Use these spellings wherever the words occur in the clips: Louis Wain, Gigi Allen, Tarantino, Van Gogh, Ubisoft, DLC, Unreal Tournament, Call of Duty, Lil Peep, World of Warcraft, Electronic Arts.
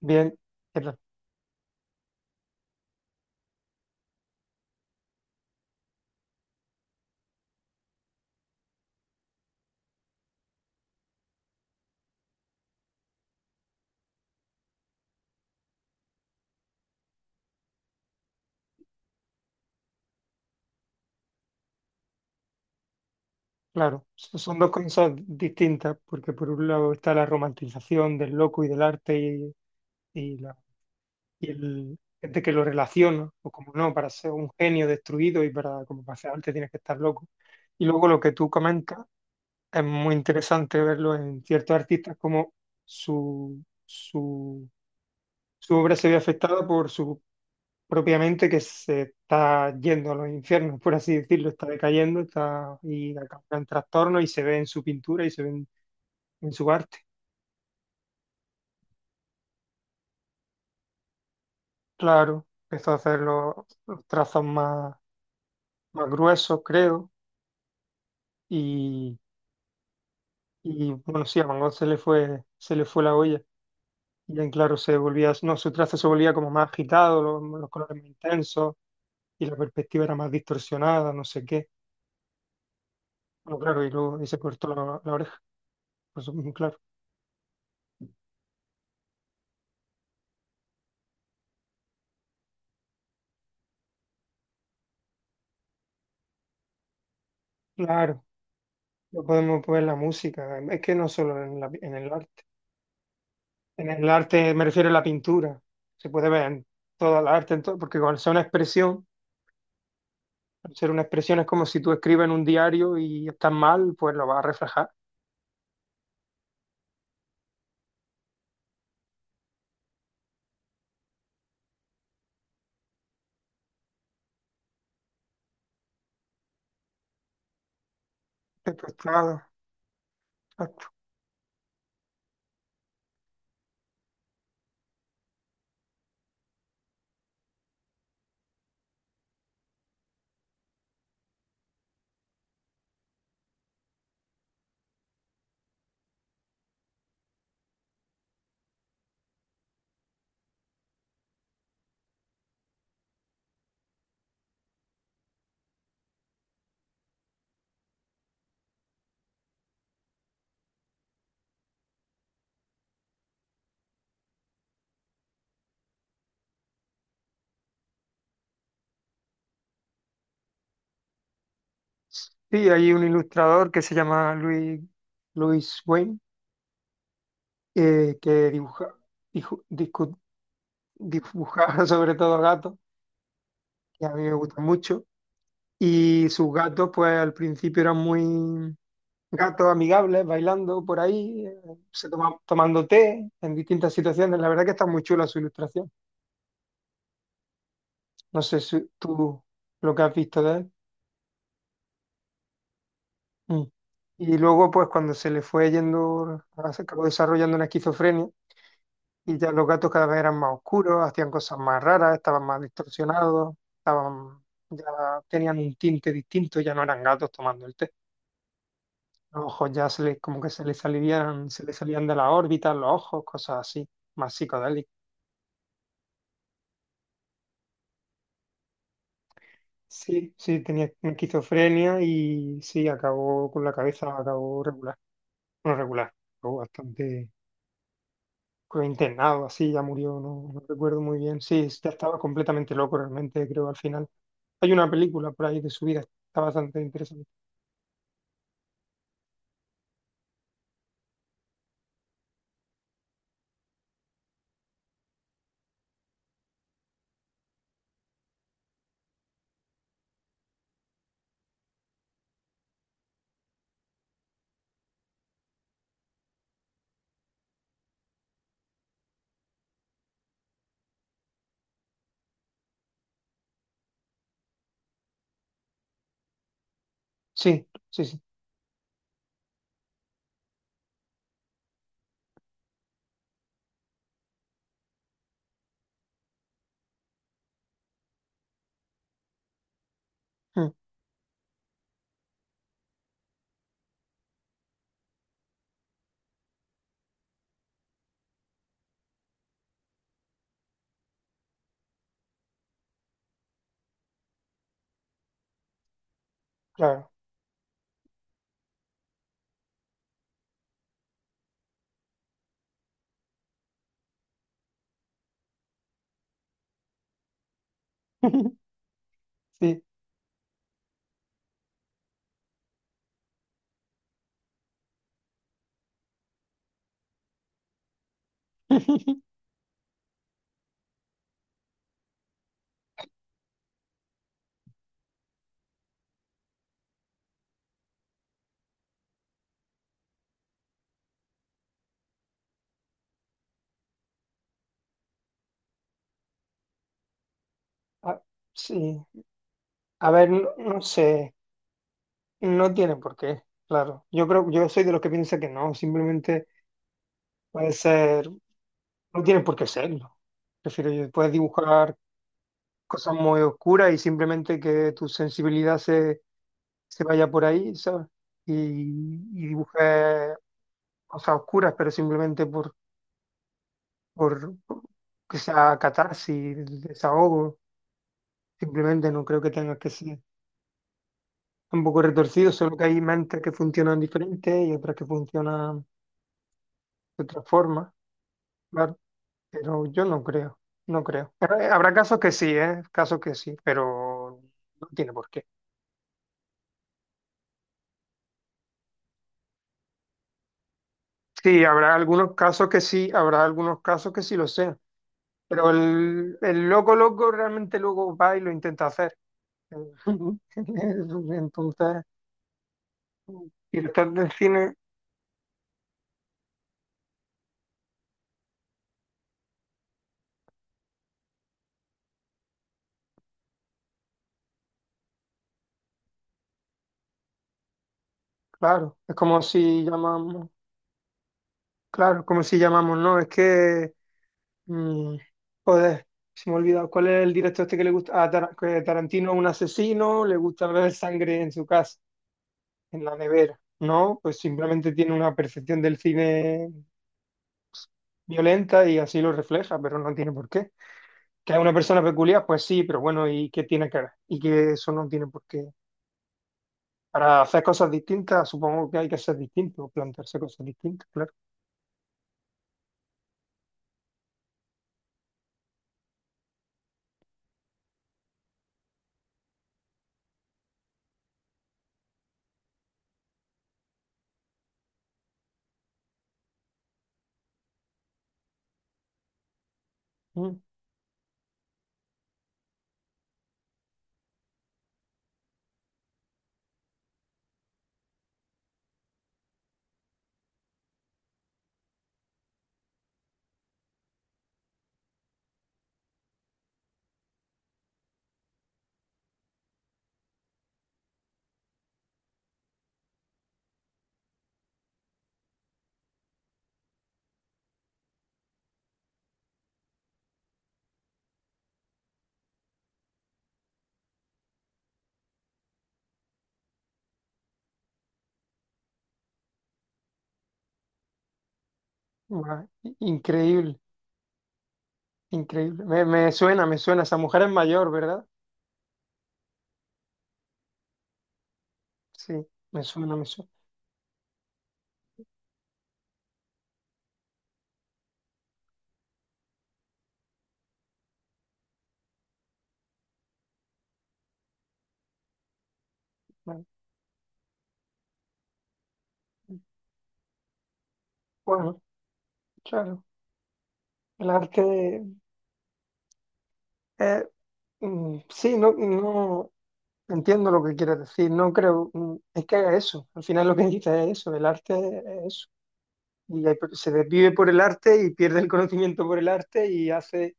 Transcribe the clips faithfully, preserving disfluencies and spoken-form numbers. Bien, pero, claro, so- son dos cosas distintas, porque por un lado está la romantización del loco y del arte y, y la, y el gente que lo relaciona, o como no, para ser un genio destruido y para, como para hacer arte tienes que estar loco. Y luego lo que tú comentas es muy interesante verlo en ciertos artistas como su, su, su obra se ve afectada por su propiamente que se está yendo a los infiernos, por así decirlo, está decayendo, está y acaba en trastorno y se ve en su pintura y se ve en, en su arte. Claro, empezó a hacer los, los trazos más, más gruesos, creo, y, y, bueno, sí, a Van Gogh se le fue, se le fue la olla. Y en claro se volvía, no, su trazo se volvía como más agitado, los, los colores más intensos y la perspectiva era más distorsionada, no sé qué. Bueno, claro, y luego y se cortó la, la oreja, pues claro, claro. No podemos poner la música, es que no solo en, la- en el arte. En el arte me refiero a la pintura, se puede ver en toda la arte, en todo- porque cuando sea una expresión, al ser una expresión es como si tú escribes en un diario y estás mal, pues lo vas a reflejar. Está frustrado, exacto. Sí, hay un ilustrador que se llama Louis, Louis Wayne, eh, que dibuja, dijo- discu- dibujaba sobre todo gatos, que a mí me gustan mucho, y sus gatos pues al principio eran muy... gatos amigables bailando por ahí, eh, se toma- tomando té en distintas situaciones. La verdad que está muy chula su ilustración. No sé si tú lo que has visto de él. Mm. Y luego, pues cuando se le fue yendo, se acabó desarrollando una esquizofrenia y ya los gatos cada vez eran más oscuros, hacían cosas más raras, estaban más distorsionados, estaban, ya tenían un tinte distinto, ya no eran gatos tomando el té. Los ojos ya se les, como que se les salían, se les salían de las órbitas, los ojos, cosas así, más psicodélicas. Sí, sí, tenía esquizofrenia y sí, acabó con la cabeza, acabó regular. Bueno, regular, acabó bastante creo, internado, así ya murió, no, no recuerdo muy bien. Sí, ya estaba completamente loco realmente, creo, al final. Hay una película por ahí de su vida, está bastante interesante. Sí, sí, sí, mm, claro. Sí. Ah, sí. A ver, no, no sé, no tiene por qué, claro. Yo creo, yo soy de los que piensa que no, simplemente puede ser. No tienen por qué serlo. Es decir, puedes dibujar cosas muy oscuras y simplemente que tu sensibilidad se, se vaya por ahí, ¿sabes? Y, y dibujes cosas oscuras, pero simplemente por, por que sea catarsis, desahogo. Simplemente no creo que tengas que ser un poco retorcido, solo que hay mentes que funcionan diferentes y otras que funcionan de otra forma, claro. Pero yo no creo, no creo. Habrá habrá casos que sí, ¿eh? Casos que sí, pero no tiene por qué. Sí, habrá algunos casos que sí, habrá algunos casos que sí lo sean. Pero el, el loco loco realmente luego va y lo intenta hacer. Entonces, director del cine, claro, es como si llamamos, claro, como si llamamos, no, es que, mm, joder, se me ha olvidado, ¿cuál es el director este que le gusta? Ah, Tara- que Tarantino es un asesino, le gusta ver sangre en su casa. En la nevera, ¿no? Pues simplemente tiene una percepción del cine violenta y así lo refleja, pero no tiene por qué. Que es una persona peculiar, pues sí, pero bueno, ¿y qué tiene que ver? Y que eso no tiene por qué. Para hacer cosas distintas, supongo que hay que ser distinto, plantearse cosas distintas, claro. Mm, guau, increíble, increíble. Me, me suena, me suena. Esa mujer es mayor, ¿verdad? Sí, me suena, me suena. Vale. Bueno, claro. El arte, eh, mm, sí, no, no. Entiendo lo que quieres decir, no creo, mm, es que haga eso, al final lo que dice es eso, el arte es eso, y hay- se desvive por el arte y pierde el conocimiento por el arte y hace,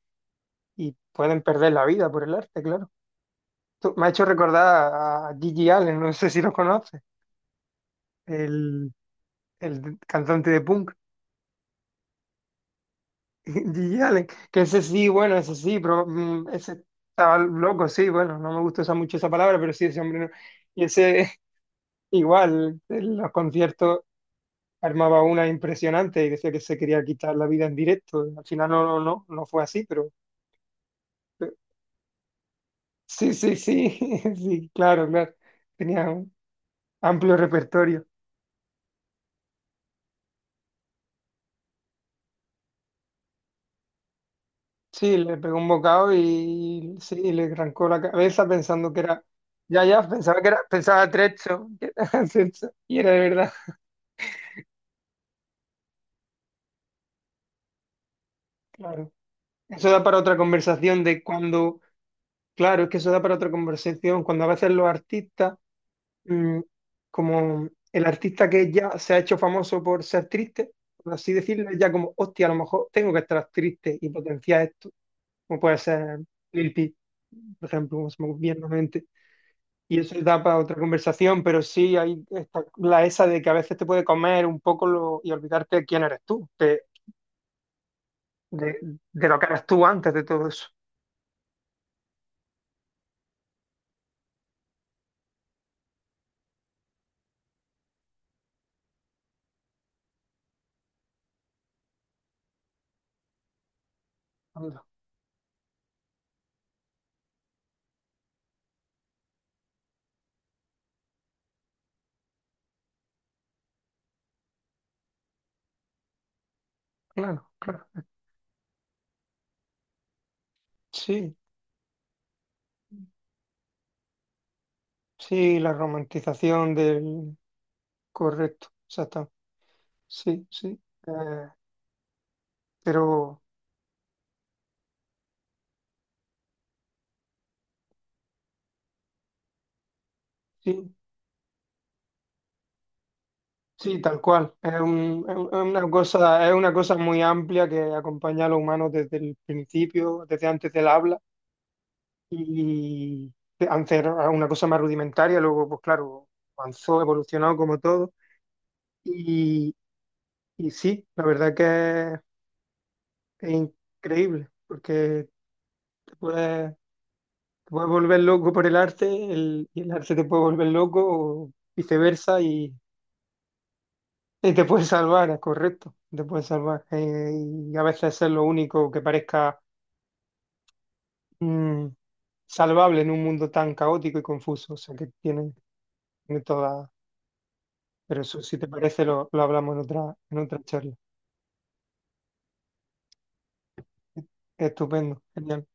y pueden perder la vida por el arte, claro. Tú- me ha hecho recordar a Gigi Allen, no sé si lo conoces, el, el cantante de punk, Gigi Allen, que ese sí, bueno, ese sí, pero mm, ese estaba loco, sí, bueno, no me gusta usar mucho esa palabra, pero sí, ese hombre, no- y ese igual, en los conciertos. Armaba una impresionante y decía que se quería quitar la vida en directo. Al final no, no, no, no fue así, pero pero- sí, sí, sí, sí, claro, claro. Tenía un amplio repertorio. Sí, le pegó un bocado y sí, le arrancó la cabeza pensando que era, ya, ya, pensaba que era, pensaba trecho, que era trecho, y era de verdad, claro. Eso da para otra conversación de cuando, claro, es que eso da para otra conversación, cuando a veces los artistas mm, como el artista que ya se ha hecho famoso por ser triste, por así decirlo, es ya como, hostia, a lo mejor tengo que estar triste y potenciar esto, como puede ser Lil Peep, por ejemplo, como se me viene a la mente. Y eso da para otra conversación, pero sí hay esta- la esa de que a veces te puede comer un poco lo- y olvidarte de quién eres tú, de, de, de lo que eras tú antes de todo eso. Anda, claro, claro. Sí, sí, la romantización del correcto, exacto. Sí, sí. Eh, pero sí, sí, tal cual. Es un- es un- es una cosa, es una cosa muy amplia que acompaña a los humanos desde el principio, desde antes del habla. Y antes era una cosa más rudimentaria, luego, pues claro, avanzó, evolucionó como todo. Y, y sí, la verdad que es, es increíble, porque te puedes, te puedes volver loco por el arte, el- y el arte te puede volver loco, o viceversa, y te puede salvar, es correcto, te puede salvar. Eh, y a veces es lo único que parezca mm, salvable en un mundo tan caótico y confuso. O sea que tiene, tiene toda. Pero eso, si te parece, lo, lo hablamos en otra, en otra charla. Estupendo, genial.